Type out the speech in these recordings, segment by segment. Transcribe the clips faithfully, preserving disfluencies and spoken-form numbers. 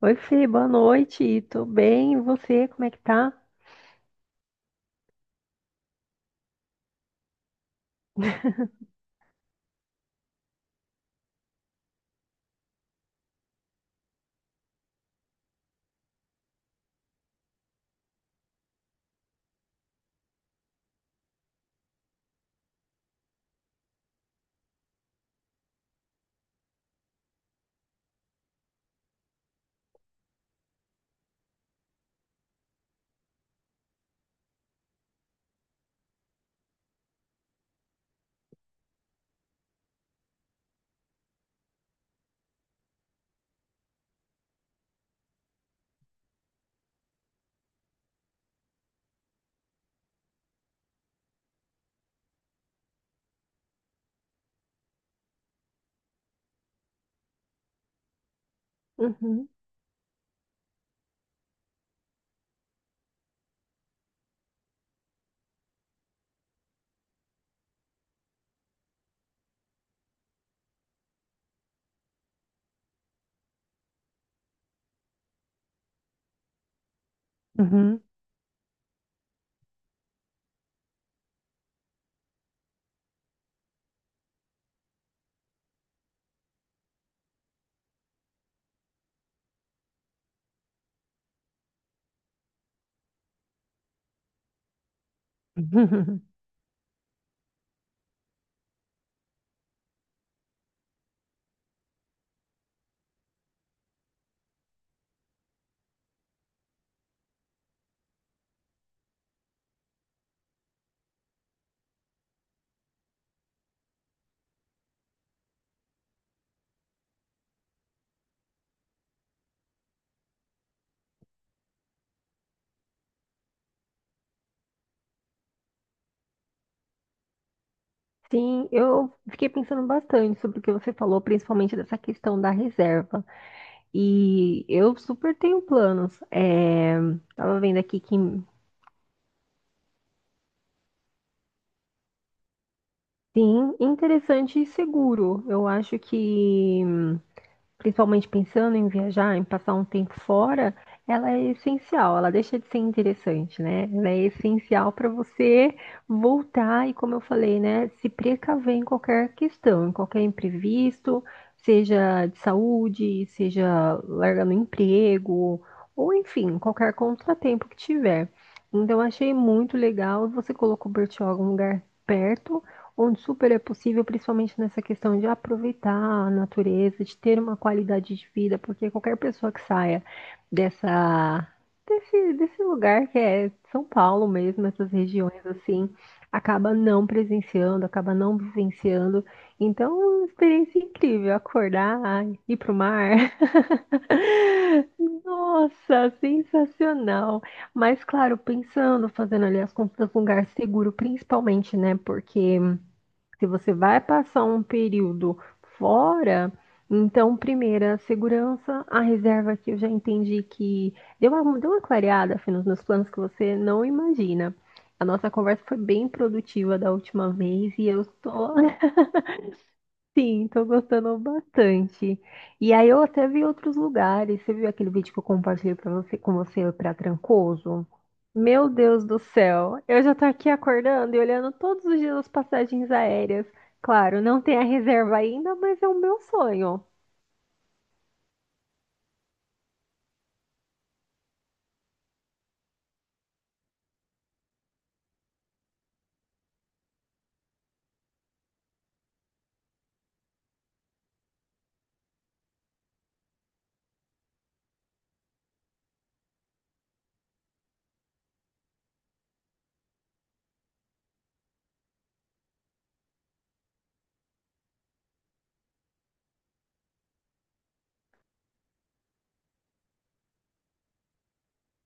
Oi, Fê, boa noite. Tô bem, e você, como é que tá? Uhum, uhum. Sim, eu fiquei pensando bastante sobre o que você falou, principalmente dessa questão da reserva. E eu super tenho planos. É, tava vendo aqui que, sim, interessante e seguro. Eu acho que principalmente pensando em viajar, em passar um tempo fora, ela é essencial, ela deixa de ser interessante, né? Ela é essencial para você voltar e, como eu falei, né, se precaver em qualquer questão, em qualquer imprevisto, seja de saúde, seja largando o emprego, ou enfim, qualquer contratempo que tiver. Então, eu achei muito legal, você colocou Bertioga em um lugar perto, onde super é possível, principalmente nessa questão de aproveitar a natureza, de ter uma qualidade de vida, porque qualquer pessoa que saia dessa, desse, desse lugar que é São Paulo mesmo, essas regiões assim, acaba não presenciando, acaba não vivenciando. Então, é uma experiência incrível, acordar, ir pro mar. Nossa, sensacional. Mas claro, pensando, fazendo ali as compras num lugar seguro, principalmente, né? Porque se você vai passar um período fora, então, primeiro, a segurança, a reserva que eu já entendi que deu uma, deu uma clareada, Fê, nos meus planos que você não imagina. A nossa conversa foi bem produtiva da última vez e eu estou Sim, tô gostando bastante. E aí eu até vi outros lugares. Você viu aquele vídeo que eu compartilhei para você, com você para Trancoso? Meu Deus do céu, eu já tô aqui acordando e olhando todos os dias as passagens aéreas. Claro, não tem a reserva ainda, mas é o meu sonho.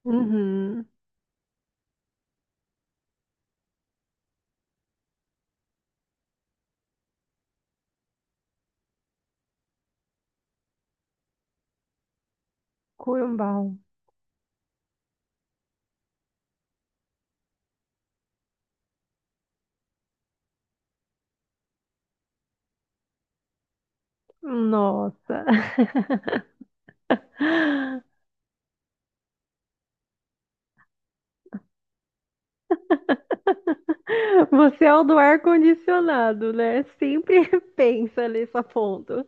Uhum. Corumbau. Nossa. Você é o do ar-condicionado, né? Sempre pensa nesse ponto.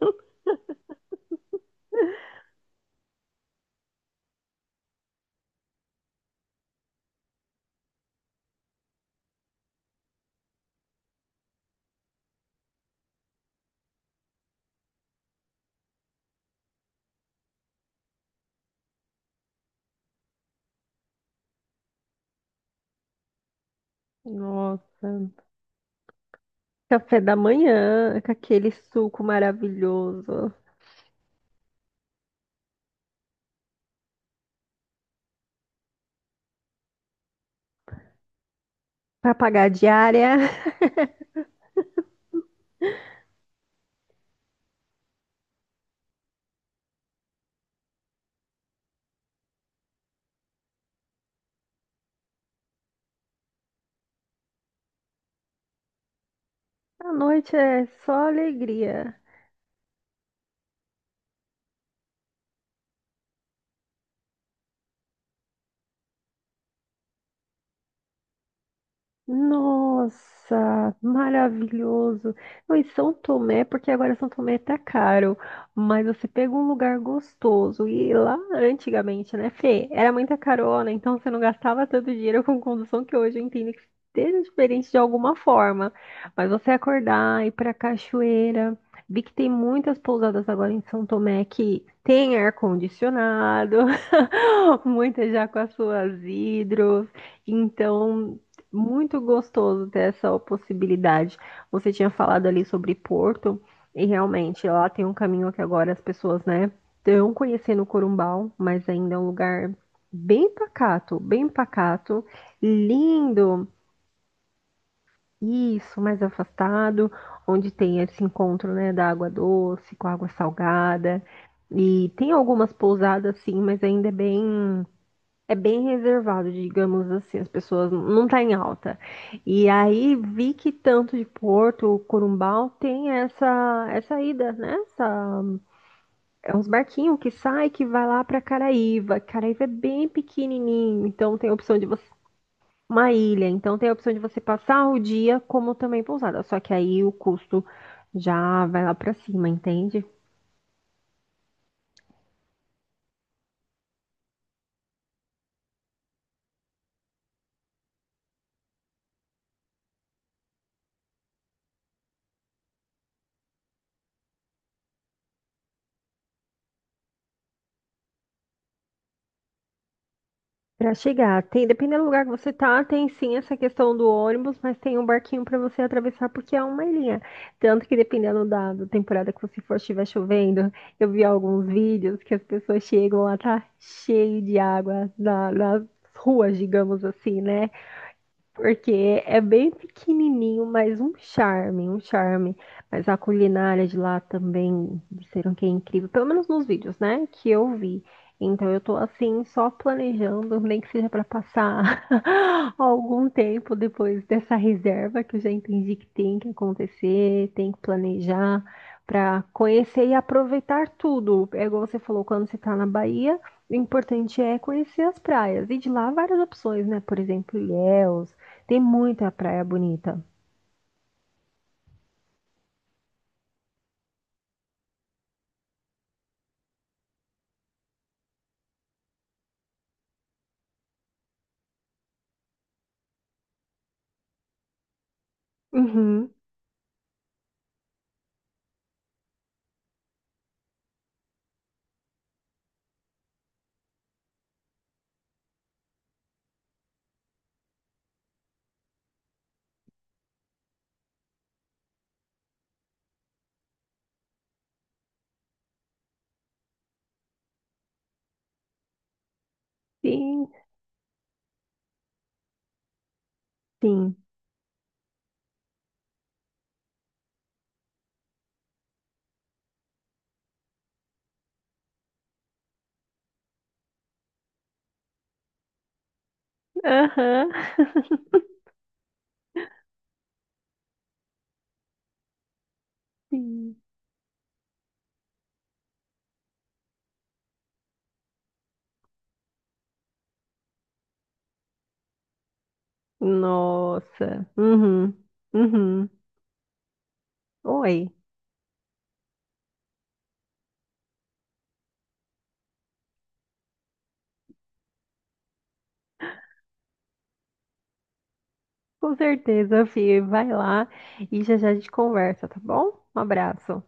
Nossa. Café da manhã, com aquele suco maravilhoso. Pra pagar a diária. A noite é só alegria. Nossa, maravilhoso. Não, e São Tomé, porque agora São Tomé tá caro, mas você pega um lugar gostoso. E lá antigamente, né, Fê, era muita carona, então você não gastava tanto dinheiro com condução que hoje eu entendo que seja diferente de alguma forma. Mas você acordar, ir pra cachoeira. Vi que tem muitas pousadas agora em São Tomé que tem ar-condicionado, muitas já com as suas hidros. Então, muito gostoso ter essa possibilidade. Você tinha falado ali sobre Porto, e realmente lá tem um caminho que agora as pessoas, né, estão conhecendo Corumbau, mas ainda é um lugar bem pacato, bem pacato, lindo, isso, mais afastado, onde tem esse encontro, né, da água doce com a água salgada. E tem algumas pousadas, sim, mas ainda é bem é bem reservado, digamos assim, as pessoas não tá em alta. E aí vi que tanto de Porto, Corumbau tem essa essa ida, né? Essa, é uns barquinhos que sai que vai lá para Caraíva. Caraíva é bem pequenininho, então tem a opção de você uma ilha, então tem a opção de você passar o dia como também pousada, só que aí o custo já vai lá para cima, entende? Para chegar, tem, dependendo do lugar que você tá, tem sim essa questão do ônibus, mas tem um barquinho para você atravessar porque é uma ilha. Tanto que dependendo da, da temporada que você for, estiver chovendo, eu vi alguns vídeos que as pessoas chegam lá, tá cheio de água na- nas ruas, digamos assim, né? Porque é bem pequenininho, mas um charme, um charme. Mas a culinária de lá também disseram que é incrível, pelo menos nos vídeos, né, que eu vi. Então eu tô assim só planejando, nem que seja para passar algum tempo depois dessa reserva que eu já entendi que tem que acontecer, tem que planejar para conhecer e aproveitar tudo. É igual você falou, quando você tá na Bahia, o importante é conhecer as praias. E de lá várias opções, né? Por exemplo, Ilhéus, tem muita praia bonita. Uhum. Sim, sim. Aham. Sim. Nossa. Uhum. Uhum. Oi. Com certeza, Fih. Vai lá e já já a gente conversa, tá bom? Um abraço.